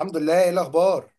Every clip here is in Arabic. الحمد لله. ايه الاخبار؟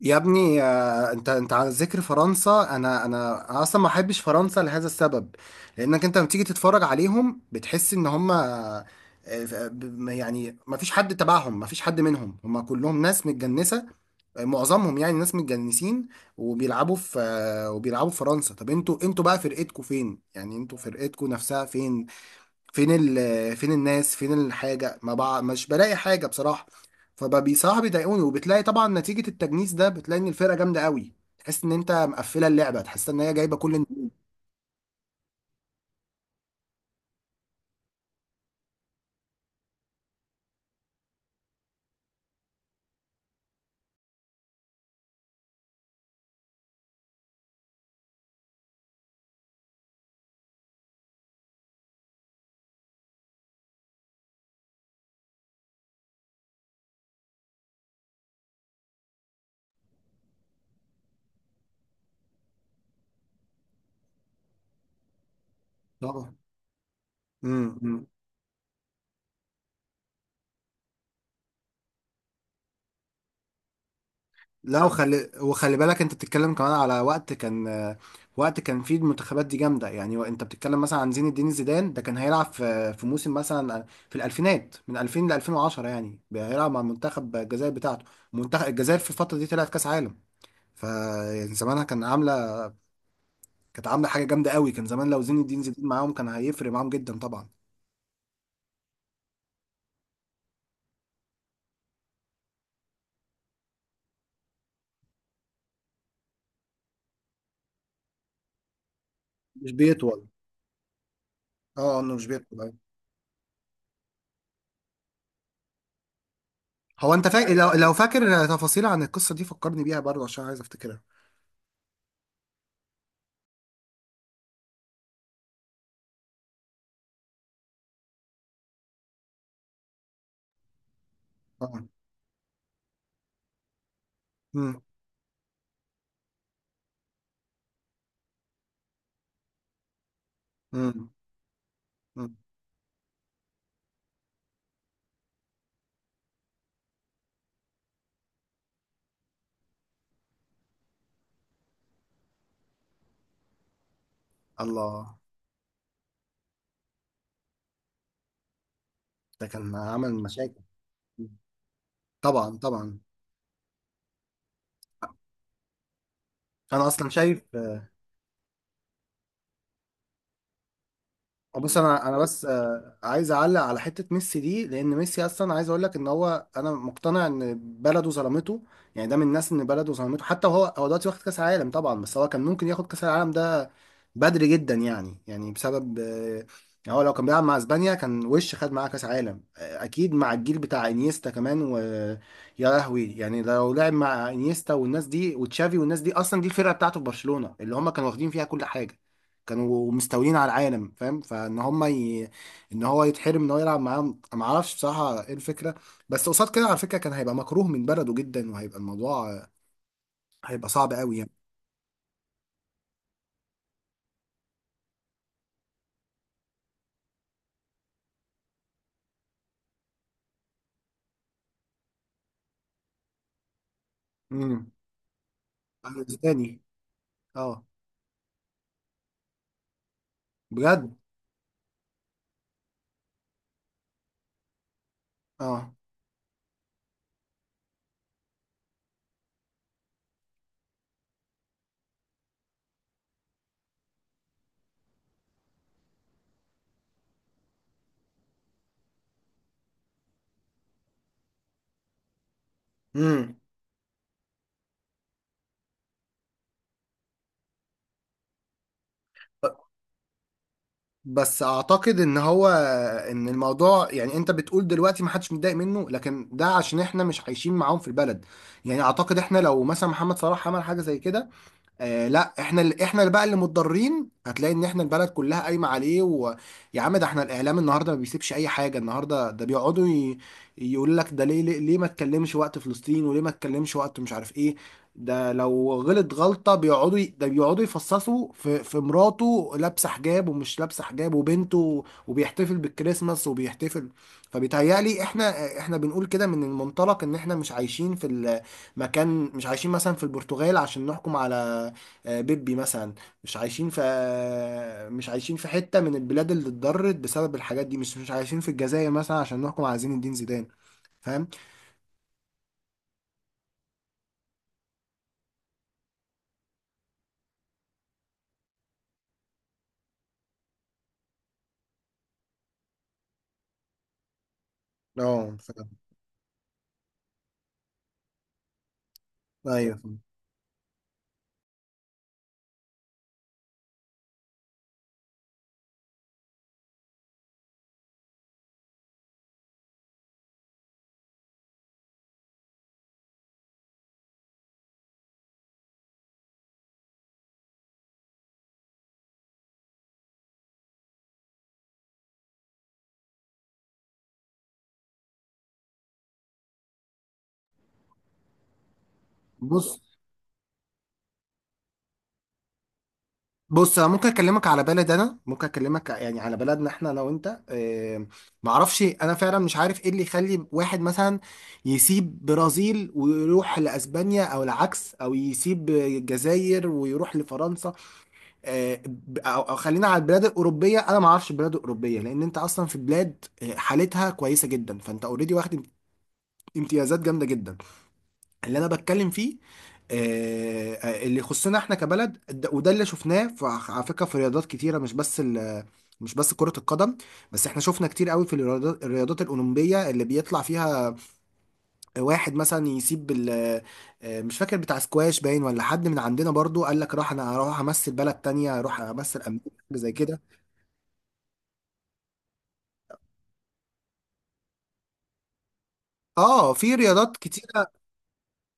يا ابني. انت على ذكر فرنسا، انا اصلا ما بحبش فرنسا لهذا السبب، لانك انت لما تيجي تتفرج عليهم بتحس ان هم يعني ما فيش حد تبعهم، ما فيش حد منهم، هم كلهم ناس متجنسة. معظمهم يعني ناس متجنسين، وبيلعبوا في فرنسا. طب انتوا بقى فرقتكوا فين؟ يعني انتوا فرقتكوا نفسها فين؟ فين ال فين الناس، فين الحاجة؟ ما بع... مش بلاقي حاجة بصراحة. فبقى بصراحة بيضايقوني، وبتلاقي طبعا نتيجة التجنيس ده بتلاقي ان الفرقة جامدة قوي، تحس ان انت مقفلة اللعبة، تحس ان هي جايبة كل النجوم. طبعا. أمم. لا، وخلي بالك انت بتتكلم كمان على وقت كان فيه المنتخبات دي جامدة. يعني انت بتتكلم مثلا عن زين الدين زيدان، ده كان هيلعب في موسم مثلا في الألفينات من 2000 ل 2010. يعني هيلعب مع منتخب الجزائر بتاعته. منتخب الجزائر في الفترة دي طلعت كأس عالم، فيعني زمانها كانت عامله حاجه جامده قوي. كان زمان لو زين الدين زيدان معاهم كان هيفرق معاهم جدا طبعا. مش بيطول. اه، انه مش بيطول. أيوة. هو انت فاكر، لو فاكر تفاصيل عن القصه دي فكرني بيها برضه عشان عايز افتكرها. طبعا. امم امم أمم. الله. ده كان عمل مشاكل؟ طبعا طبعا. انا اصلا شايف. بص، انا بس عايز اعلق على حته ميسي دي، لان ميسي اصلا عايز اقول لك ان هو انا مقتنع ان بلده ظلمته. يعني ده من الناس ان بلده ظلمته، حتى هو دلوقتي واخد كاس عالم طبعا، بس هو كان ممكن ياخد كاس العالم ده بدري جدا، يعني بسبب يعني هو لو كان بيلعب مع اسبانيا كان وش خد معاه كاس عالم، اكيد، مع الجيل بتاع انيستا كمان ويا لهوي. يعني لو لعب مع انيستا والناس دي وتشافي والناس دي، اصلا دي الفرقه بتاعته في برشلونه اللي هم كانوا واخدين فيها كل حاجه، كانوا مستولين على العالم، فاهم؟ ان هو يتحرم ان هو يلعب معاهم، ما اعرفش بصراحه ايه الفكره. بس قصاد كده على فكره كان هيبقى مكروه من بلده جدا، وهيبقى الموضوع هيبقى صعب قوي يعني. امم. تاني. اه. بجد. اه. امم. بس اعتقد ان هو، الموضوع يعني انت بتقول دلوقتي ما حدش متضايق منه، لكن ده عشان احنا مش عايشين معاهم في البلد. يعني اعتقد احنا لو مثلا محمد صلاح عمل حاجه زي كده، آه لا، احنا اللي بقى اللي متضررين. هتلاقي ان احنا البلد كلها قايمه عليه، ويا عم ده احنا الاعلام النهارده ما بيسيبش اي حاجه. النهارده ده يقول لك ده ليه، ليه ما تكلمش وقت فلسطين، وليه ما تكلمش وقت مش عارف ايه. ده لو غلط غلطه ده بيقعدوا يفصصوا في مراته لابسه حجاب ومش لابسه حجاب، وبنته، وبيحتفل بالكريسماس وبيحتفل. فبيتهيألي احنا بنقول كده من المنطلق ان احنا مش عايشين في المكان، مش عايشين مثلا في البرتغال عشان نحكم على بيبي مثلا، مش عايشين في حتة من البلاد اللي اتضرت بسبب الحاجات دي، مش عايشين في الجزائر مثلا عشان نحكم على زين الدين زيدان. فاهم؟ اه فاهم. ايوه فاهم. بص بص، انا ممكن اكلمك يعني على بلدنا احنا انا وانت. معرفش، انا فعلا مش عارف ايه اللي يخلي واحد مثلا يسيب برازيل ويروح لاسبانيا او العكس، او يسيب الجزائر ويروح لفرنسا. آه، او خلينا على البلاد الاوروبيه، انا ما اعرفش البلاد الاوروبيه، لان انت اصلا في بلاد حالتها كويسه جدا، فانت اوريدي واخد امتيازات جامده جدا. اللي انا بتكلم فيه اللي يخصنا احنا كبلد. وده اللي شفناه على فكره، في رياضات كتيره، مش بس كرة القدم. بس احنا شفنا كتير قوي في الرياضات الأولمبية، اللي بيطلع فيها واحد مثلا يسيب ال مش فاكر بتاع سكواش باين ولا حد من عندنا برضو قال لك راح، انا هروح امثل بلد تانية، اروح امثل امريكا زي كده. اه، في رياضات كتيرة.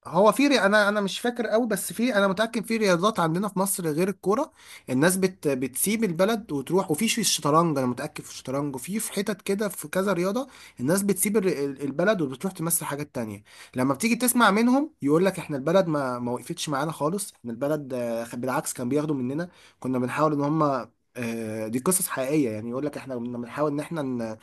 انا مش فاكر قوي بس في، انا متأكد في رياضات عندنا في مصر غير الكورة. بتسيب البلد وتروح، وفي الشطرنج، انا متأكد في الشطرنج، وفي حتت كده، في كذا رياضة. الناس البلد وبتروح تمثل حاجات تانية. لما بتيجي تسمع منهم يقول لك احنا البلد ما وقفتش معانا خالص، احنا البلد بالعكس كان بياخدوا مننا. كنا بنحاول ان هم، دي قصص حقيقية، يعني يقول لك احنا كنا بنحاول ان احنا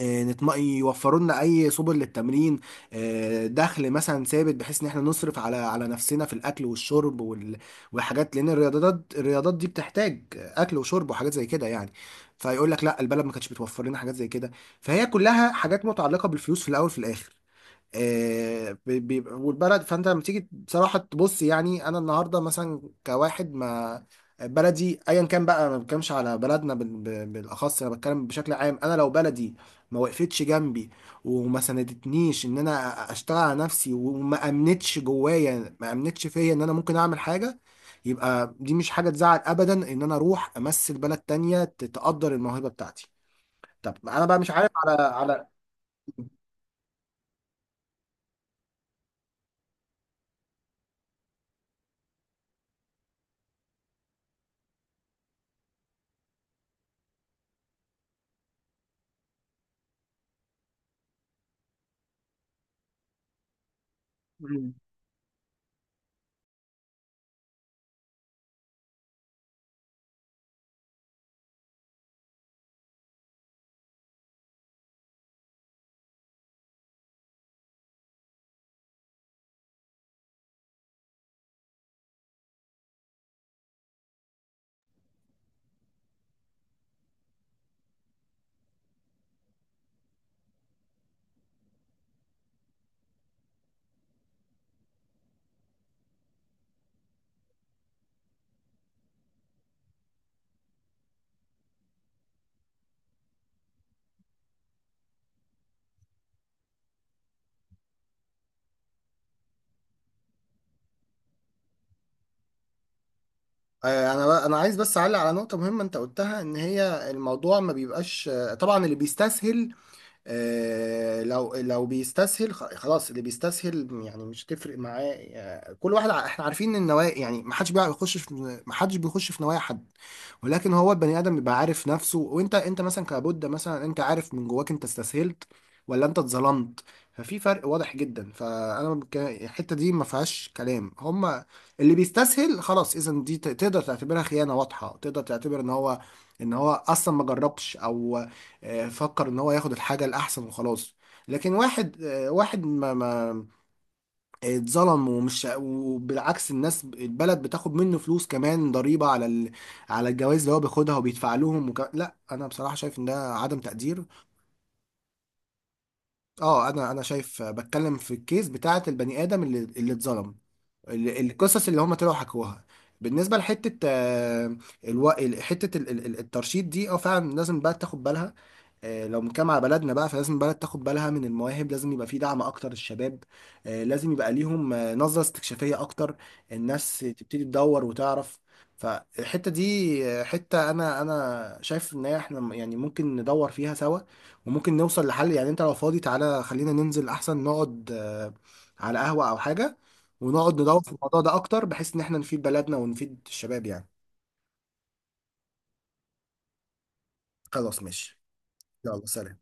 يوفروا لنا اي سبل للتمرين، دخل مثلا ثابت، بحيث ان احنا نصرف على نفسنا في الاكل والشرب والحاجات، لان الرياضات دي بتحتاج اكل وشرب وحاجات زي كده يعني. فيقول لك لا، البلد ما كانتش بتوفر لنا حاجات زي كده. فهي كلها حاجات متعلقة بالفلوس، في الاول في الاخر بيبقى والبلد. فانت لما تيجي بصراحه تبص، يعني انا النهارده مثلا كواحد ما، بلدي ايا كان بقى، ما بتكلمش على بلدنا بالاخص، انا بتكلم بشكل عام. انا لو بلدي ما وقفتش جنبي وما سندتنيش ان انا اشتغل على نفسي، وما امنتش جوايا ما امنتش فيا ان انا ممكن اعمل حاجه، يبقى دي مش حاجه تزعل ابدا ان انا اروح امثل بلد تانية تقدر الموهبه بتاعتي. طب انا بقى مش عارف على انا عايز بس اعلق على نقطه مهمه انت قلتها، ان هي الموضوع ما بيبقاش طبعا اللي بيستسهل، لو بيستسهل خلاص، اللي بيستسهل يعني مش تفرق معاه. كل واحد، احنا عارفين ان النوايا يعني ما حدش بيخش في، ما حدش بيخش في نوايا حد. ولكن هو البني ادم بيبقى عارف نفسه، وانت انت مثلا كبودة مثلا، انت عارف من جواك انت استسهلت ولا انت اتظلمت. ففي فرق واضح جدا، فانا الحته دي ما فيهاش كلام. هما اللي بيستسهل خلاص، اذا دي تقدر تعتبرها خيانه واضحه، تقدر تعتبر ان هو ان هو اصلا ما جربش، او فكر ان هو ياخد الحاجه الاحسن وخلاص. لكن واحد واحد ما اتظلم ومش، وبالعكس الناس البلد بتاخد منه فلوس كمان، ضريبه على الجوائز اللي هو بياخدها وبيدفع لهم لا، انا بصراحه شايف ان ده عدم تقدير. اه، انا شايف بتكلم في الكيس بتاعه البني ادم اللي اتظلم، القصص اللي هم طلعوا حكوها. بالنسبه لحته حته الترشيد دي، اه فعلا لازم بقى تاخد بالها. لو بنتكلم على بلدنا بقى، فلازم البلد تاخد بالها من المواهب، لازم يبقى في دعم اكتر للشباب، لازم يبقى ليهم نظرة استكشافية اكتر، الناس تبتدي تدور وتعرف. فالحتة دي حتة، انا شايف ان احنا يعني ممكن ندور فيها سوا، وممكن نوصل لحل. يعني انت لو فاضي تعالى خلينا ننزل احسن نقعد على قهوة او حاجة، ونقعد ندور في الموضوع ده اكتر، بحيث ان احنا نفيد بلدنا ونفيد الشباب يعني. خلاص ماشي. يلا سلام.